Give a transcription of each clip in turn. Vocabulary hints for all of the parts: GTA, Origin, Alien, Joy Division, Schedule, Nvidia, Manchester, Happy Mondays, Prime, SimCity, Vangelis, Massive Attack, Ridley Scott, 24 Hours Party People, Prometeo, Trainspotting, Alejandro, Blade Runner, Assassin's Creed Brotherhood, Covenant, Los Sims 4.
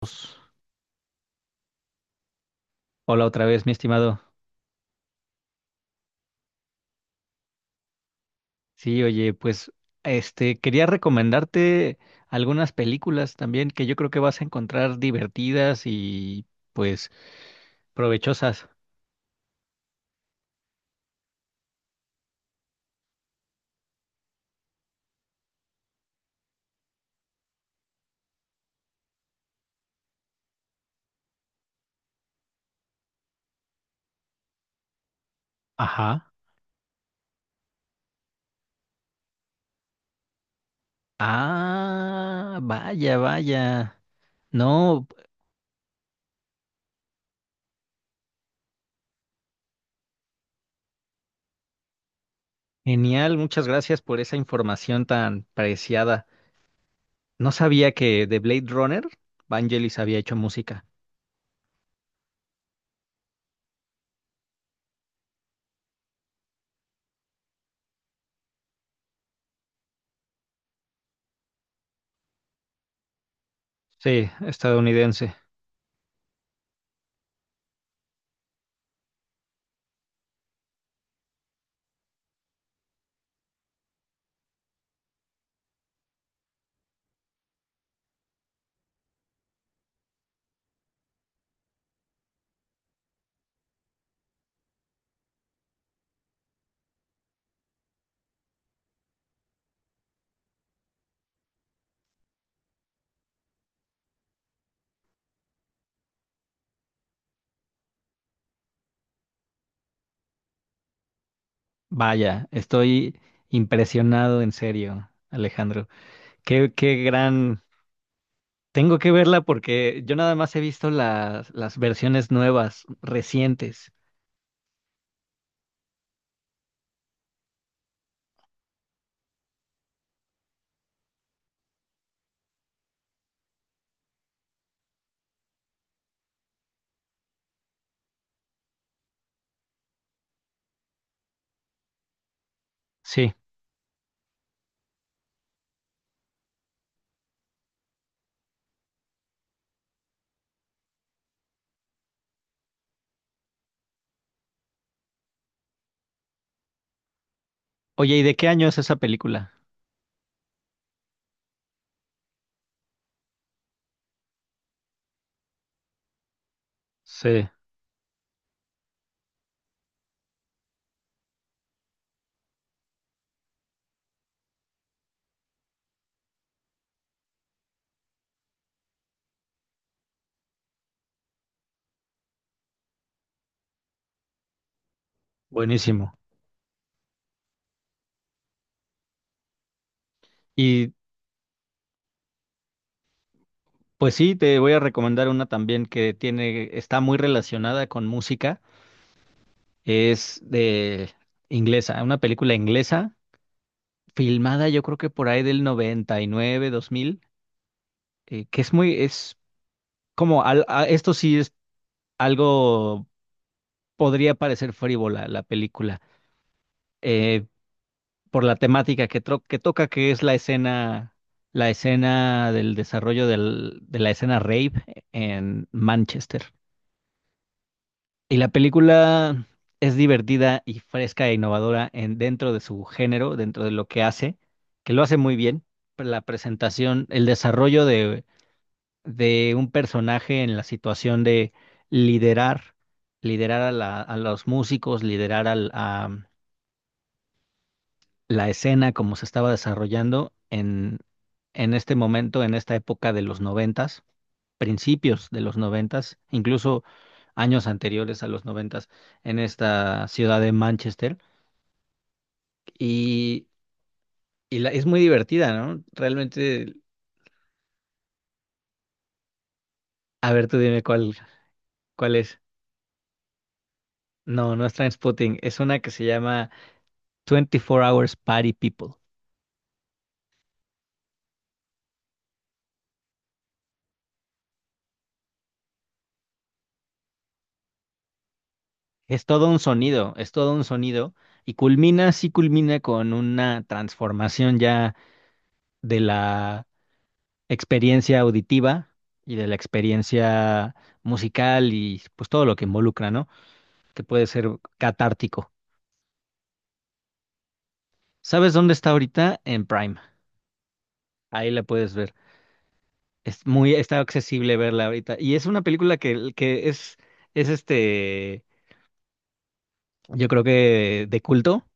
Pues, Hola otra vez, mi estimado. Sí, oye, pues quería recomendarte algunas películas también que yo creo que vas a encontrar divertidas y pues provechosas. Ajá. Ah, vaya, vaya. No, genial, muchas gracias por esa información tan preciada. No sabía que de Blade Runner, Vangelis había hecho música. Sí, estadounidense. Vaya, estoy impresionado en serio, Alejandro. Qué, qué gran. Tengo que verla porque yo nada más he visto las versiones nuevas, recientes. Sí. Oye, ¿y de qué año es esa película? Sí, buenísimo. Y pues sí, te voy a recomendar una también que tiene, está muy relacionada con música. Es de inglesa, una película inglesa, filmada yo creo que por ahí del 99, 2000, que es muy, es como, esto sí es algo, podría parecer frívola la película eh, por la temática que, que toca, que es la escena del desarrollo de la escena rave en Manchester. Y la película es divertida y fresca e innovadora en, dentro de su género, dentro de lo que hace, que lo hace muy bien. Pero la presentación, el desarrollo de un personaje en la situación de liderar, liderar a, a los músicos, liderar al, a, la escena como se estaba desarrollando en este momento, en esta época de los noventas, principios de los noventas, incluso años anteriores a los noventas, en esta ciudad de Manchester. Y, es muy divertida, ¿no? Realmente, a ver, tú dime cuál, cuál es. No, no es Trainspotting, es una que se llama 24 Hours Party People. Es todo un sonido, es todo un sonido. Y culmina, sí culmina con una transformación ya de la experiencia auditiva y de la experiencia musical y pues todo lo que involucra, ¿no? Que puede ser catártico. ¿Sabes dónde está ahorita? En Prime. Ahí la puedes ver. Es muy, está accesible verla ahorita. Y es una película que es yo creo que de culto,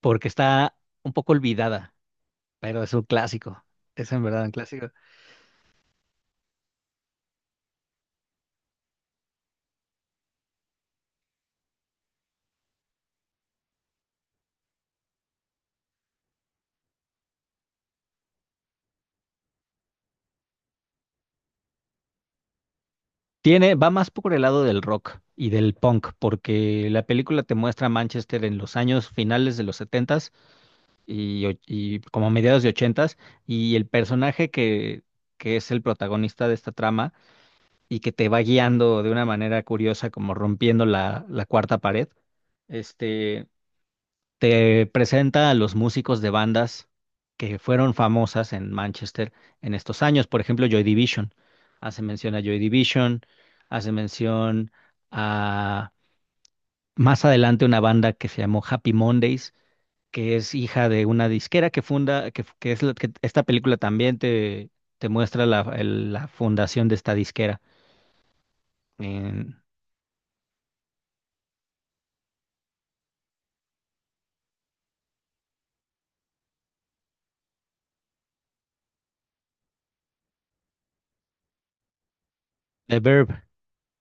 porque está un poco olvidada, pero es un clásico. Es en verdad un clásico. Tiene, va más por el lado del rock y del punk, porque la película te muestra Manchester en los años finales de los setentas y, y como mediados de ochentas y el personaje que es el protagonista de esta trama y que te va guiando de una manera curiosa, como rompiendo la cuarta pared. Este, te presenta a los músicos de bandas que fueron famosas en Manchester en estos años. Por ejemplo, Joy Division. Hace mención a Joy Division, hace mención a más adelante una banda que se llamó Happy Mondays, que es hija de una disquera que funda, que es que esta película también te muestra la, la fundación de esta disquera. En The Verb,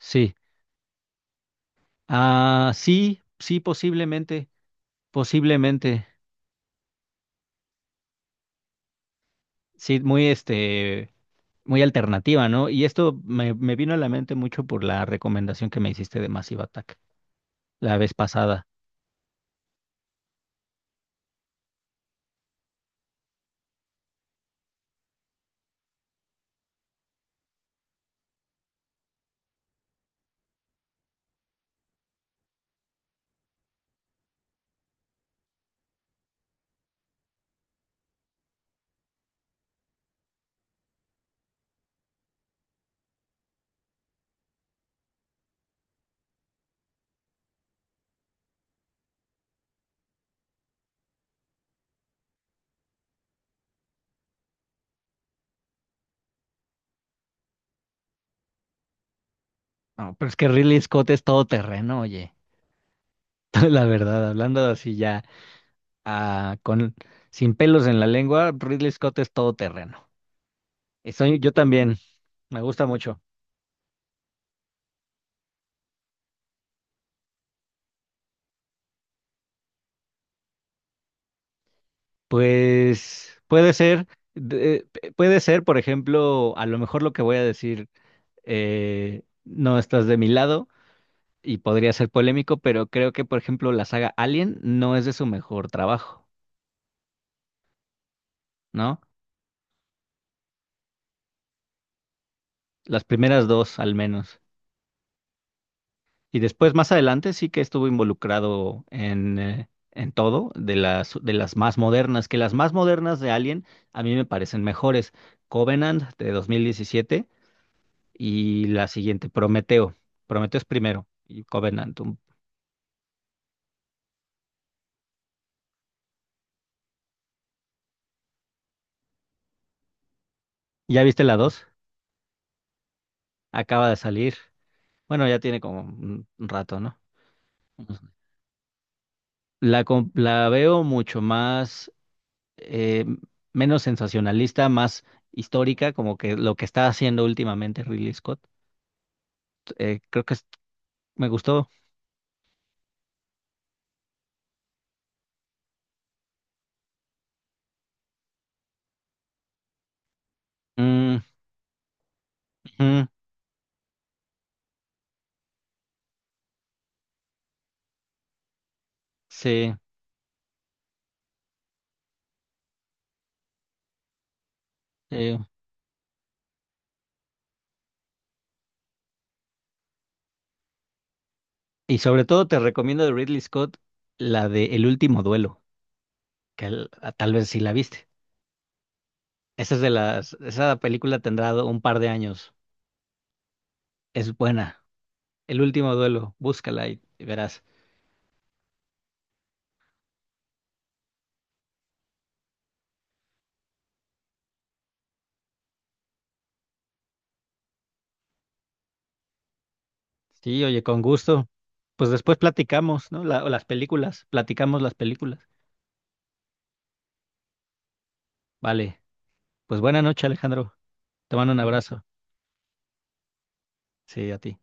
sí. Ah, sí, sí, posiblemente, posiblemente. Sí, muy muy alternativa, ¿no? Y esto me, me vino a la mente mucho por la recomendación que me hiciste de Massive Attack la vez pasada. No, pero es que Ridley Scott es todo terreno, oye. La verdad, hablando así ya, ah, con, sin pelos en la lengua, Ridley Scott es todo terreno. Soy, yo también, me gusta mucho. Pues puede ser, puede ser, por ejemplo, a lo mejor lo que voy a decir, no estás de mi lado y podría ser polémico, pero creo que, por ejemplo, la saga Alien no es de su mejor trabajo, ¿no? Las primeras dos, al menos. Y después, más adelante, sí que estuvo involucrado en todo, de las más modernas, que las más modernas de Alien a mí me parecen mejores. Covenant de 2017 y la siguiente, Prometeo. Prometeo es primero y Covenant. ¿Ya viste la dos? Acaba de salir. Bueno, ya tiene como un rato, ¿no? La, la veo mucho más, eh, menos sensacionalista, más histórica, como que lo que está haciendo últimamente Ridley Scott. Eh, creo que es- me gustó. Mm, ujú, sí. eh, Y sobre todo te recomiendo de Ridley Scott la de El último duelo, que tal vez sí la viste. Esa es de las, esa película tendrá un par de años. Es buena. El último duelo, búscala y verás. Sí, oye, con gusto. Pues después platicamos, ¿no? O las películas, platicamos las películas. Vale, pues buena noche, Alejandro. Te mando un abrazo. Sí, a ti.